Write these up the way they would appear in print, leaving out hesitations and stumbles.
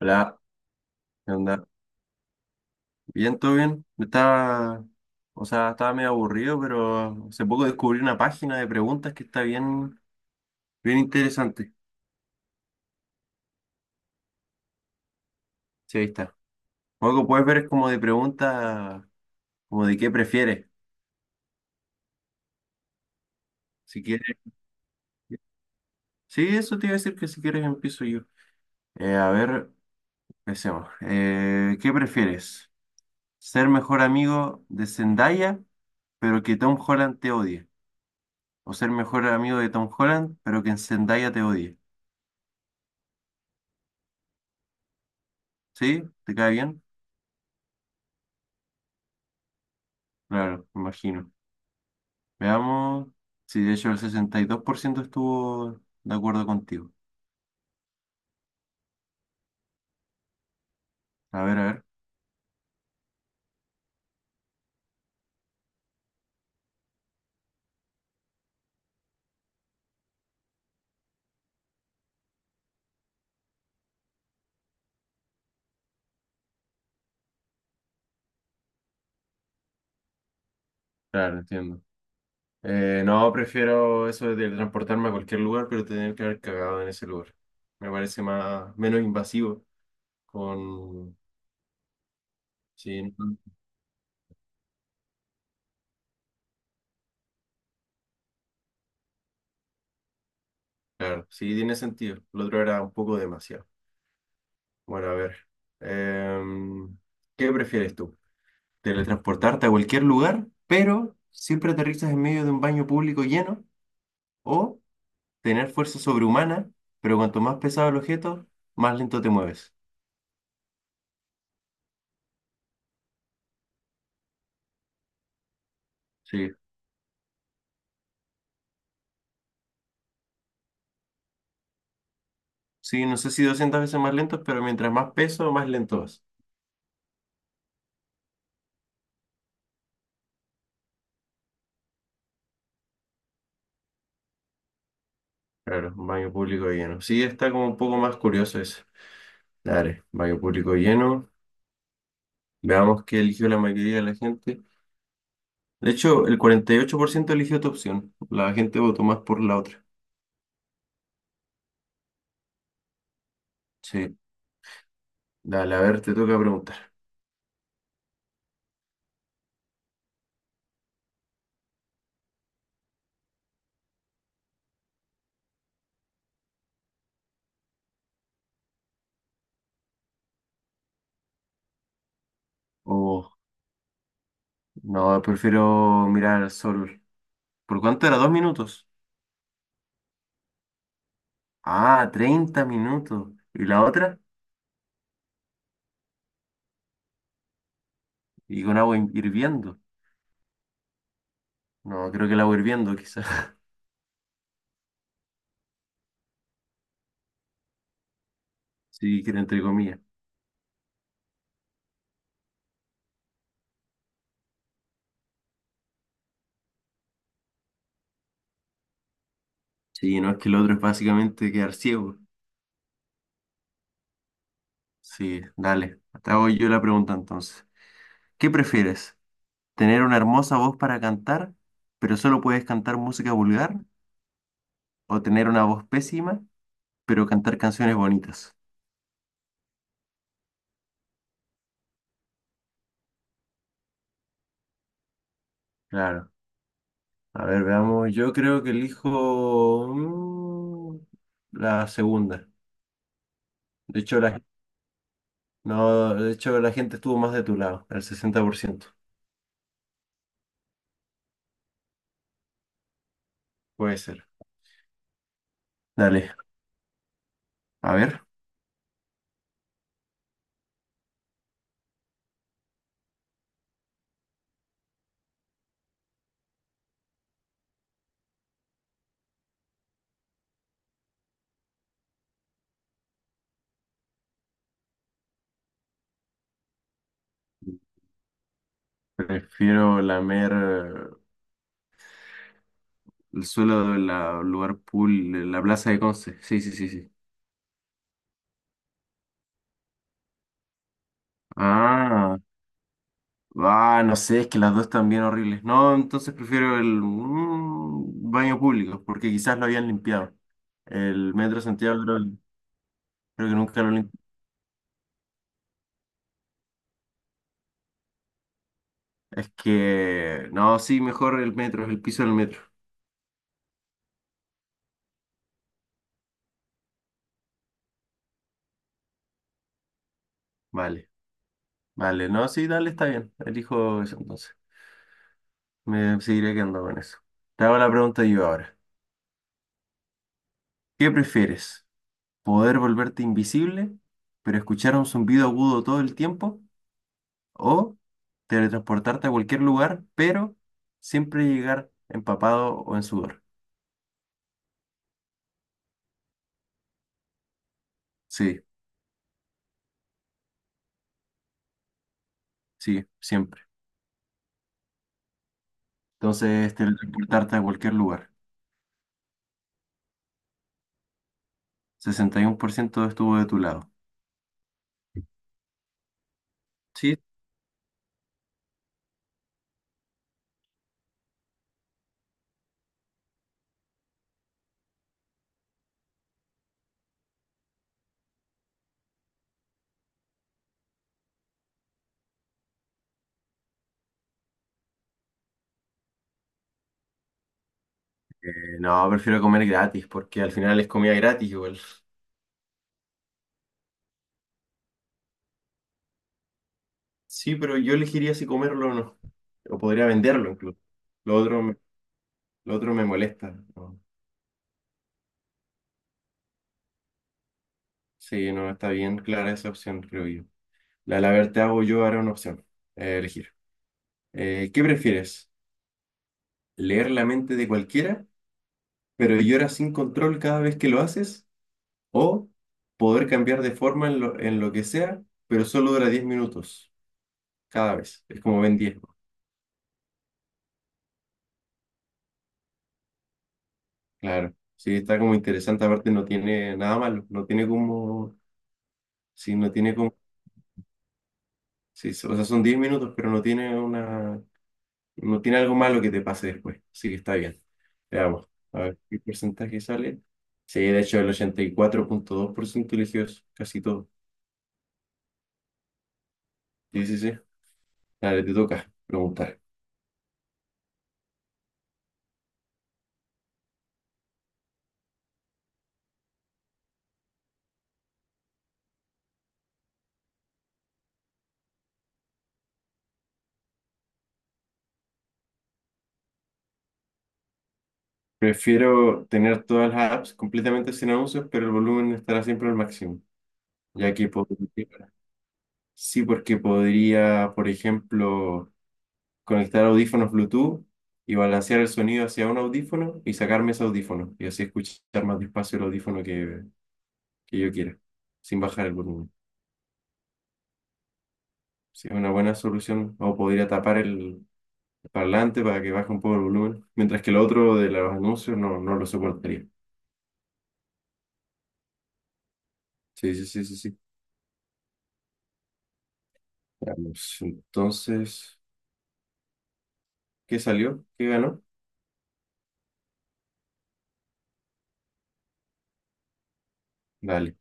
Hola, ¿qué onda? Bien, todo bien. O sea, estaba medio aburrido, pero hace poco descubrí una página de preguntas que está bien, bien interesante. Sí, ahí está. Algo que puedes ver es como de preguntas, como de qué prefieres. Si quieres. Sí, eso te iba a decir que si quieres empiezo yo. A ver, empecemos. ¿Qué prefieres? ¿Ser mejor amigo de Zendaya, pero que Tom Holland te odie? ¿O ser mejor amigo de Tom Holland, pero que Zendaya te odie? ¿Sí? ¿Te cae bien? Claro, me imagino. Veamos. Sí, de hecho el 62% estuvo de acuerdo contigo. A ver, a ver. Claro, entiendo. No, prefiero eso de transportarme a cualquier lugar, pero tener que haber cagado en ese lugar. Me parece más, menos invasivo con. Sí, no, claro, sí, tiene sentido. Lo otro era un poco demasiado. Bueno, a ver. Em, ¿Qué prefieres tú? ¿Teletransportarte a cualquier lugar, pero siempre aterrizas en medio de un baño público lleno? ¿O tener fuerza sobrehumana, pero cuanto más pesado el objeto, más lento te mueves? Sí. Sí, no sé si 200 veces más lento, pero mientras más peso, más lento vas. Claro, baño público lleno. Sí, está como un poco más curioso eso. Dale, baño público lleno. Veamos qué eligió la mayoría de la gente. De hecho, el 48% eligió tu opción. La gente votó más por la otra. Sí. Dale, a ver, te toca preguntar. Oh, no, prefiero mirar al sol. ¿Por cuánto era? ¿2 minutos? Ah, 30 minutos. ¿Y la otra? Y con agua hirviendo. No, creo que el agua hirviendo, quizás. Sí, que era entre comillas. Sí, no es que el otro es básicamente quedar ciego. Sí, dale. Te hago yo la pregunta entonces. ¿Qué prefieres? ¿Tener una hermosa voz para cantar, pero solo puedes cantar música vulgar? ¿O tener una voz pésima, pero cantar canciones bonitas? Claro. A ver, veamos. Yo creo que elijo la segunda. De hecho, la No, de hecho la gente estuvo más de tu lado, el 60%. Puede ser. Dale, a ver. Prefiero lamer el suelo del lugar pool, de la plaza de Conce. Sí, sí, sí, sí. Ah, ah, no sé, es que las dos están bien horribles. No, entonces prefiero el baño público, porque quizás lo habían limpiado. El metro Santiago creo que nunca lo limpió. Es que, no, sí, mejor el metro, el piso del metro. Vale, vale, no, sí, dale, está bien. Elijo eso entonces. Me seguiré quedando con eso. Te hago la pregunta yo ahora. ¿Qué prefieres? ¿Poder volverte invisible, pero escuchar un zumbido agudo todo el tiempo? ¿O teletransportarte a cualquier lugar, pero siempre llegar empapado o en sudor? Sí, sí, siempre. Entonces, teletransportarte a cualquier lugar. 61% estuvo de tu lado. Sí. No, prefiero comer gratis, porque al final es comida gratis igual. Sí, pero yo elegiría si comerlo o no. O podría venderlo incluso. Lo otro Lo otro me molesta, ¿no? Sí, no está bien clara esa opción, creo yo. La verdad, hago yo ahora una opción. Elegir. ¿Qué prefieres? ¿Leer la mente de cualquiera, pero lloras sin control cada vez que lo haces? ¿O poder cambiar de forma en lo que sea, pero solo dura 10 minutos cada vez? Es como ven diez, ¿no? Claro. Sí, está como interesante. Aparte, no tiene nada malo. No tiene como. Sí, no tiene como. Sí, o sea, son 10 minutos, pero no tiene una. No tiene algo malo que te pase después, así que está bien. Veamos, a ver qué porcentaje sale. Sí, de hecho, el 84,2% eligió eso, casi todo. Sí, sí, sí. Dale, te toca preguntar. Prefiero tener todas las apps completamente sin anuncios, pero el volumen estará siempre al máximo, ya que podría. Sí, porque podría, por ejemplo, conectar audífonos Bluetooth y balancear el sonido hacia un audífono y sacarme ese audífono y así escuchar más despacio el audífono que yo quiera, sin bajar el volumen. Sí, es una buena solución. O podría tapar el parlante para que baje un poco el volumen, mientras que el otro de los anuncios no lo soportaría. Sí, sí, sí, sí, sí. Veamos. Entonces, ¿qué salió? ¿Qué ganó? Dale.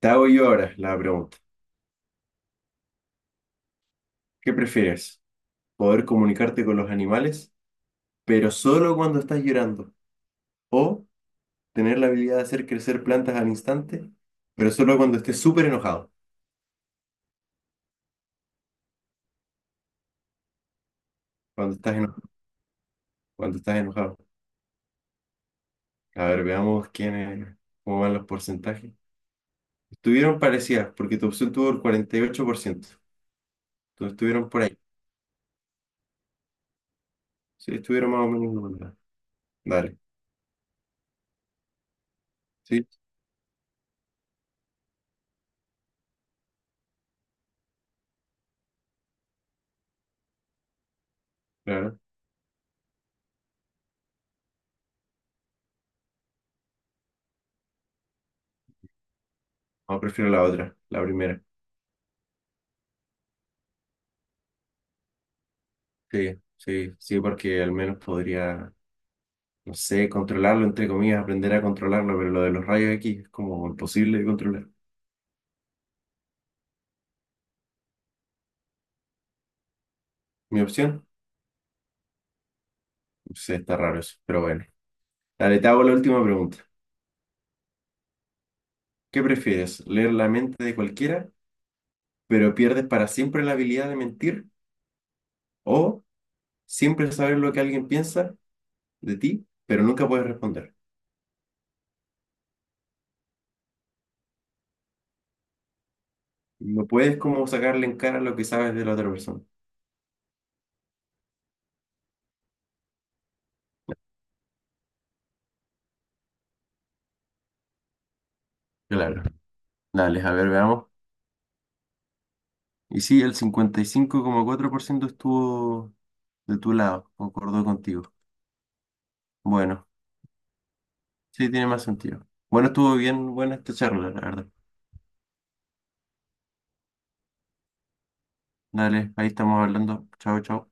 Te hago yo ahora la pregunta. ¿Qué prefieres? ¿Poder comunicarte con los animales, pero solo cuando estás llorando? ¿O tener la habilidad de hacer crecer plantas al instante, pero solo cuando estés súper enojado? Cuando estás enojado. Cuando estás enojado. A ver, veamos quiénes, cómo van los porcentajes. Estuvieron parecidas, porque tu opción tuvo el 48%. Entonces estuvieron por ahí. Sí, estuvieron más o menos igual. Dale. Sí, claro. No, prefiero la otra, la primera. Sí, sí, sí, porque al menos podría, no sé, controlarlo, entre comillas, aprender a controlarlo, pero lo de los rayos X es como imposible de controlar. ¿Mi opción? Sí, está raro eso, pero bueno. Dale, te hago la última pregunta. ¿Qué prefieres? ¿Leer la mente de cualquiera, pero pierdes para siempre la habilidad de mentir? ¿O siempre sabes lo que alguien piensa de ti, pero nunca puedes responder? No puedes como sacarle en cara lo que sabes de la otra persona. Claro. Dale, a ver, veamos. Y sí, el 55,4% estuvo de tu lado, concordó contigo. Bueno, sí, tiene más sentido. Bueno, estuvo bien, buena esta charla, la verdad. Dale, ahí estamos hablando. Chao, chao.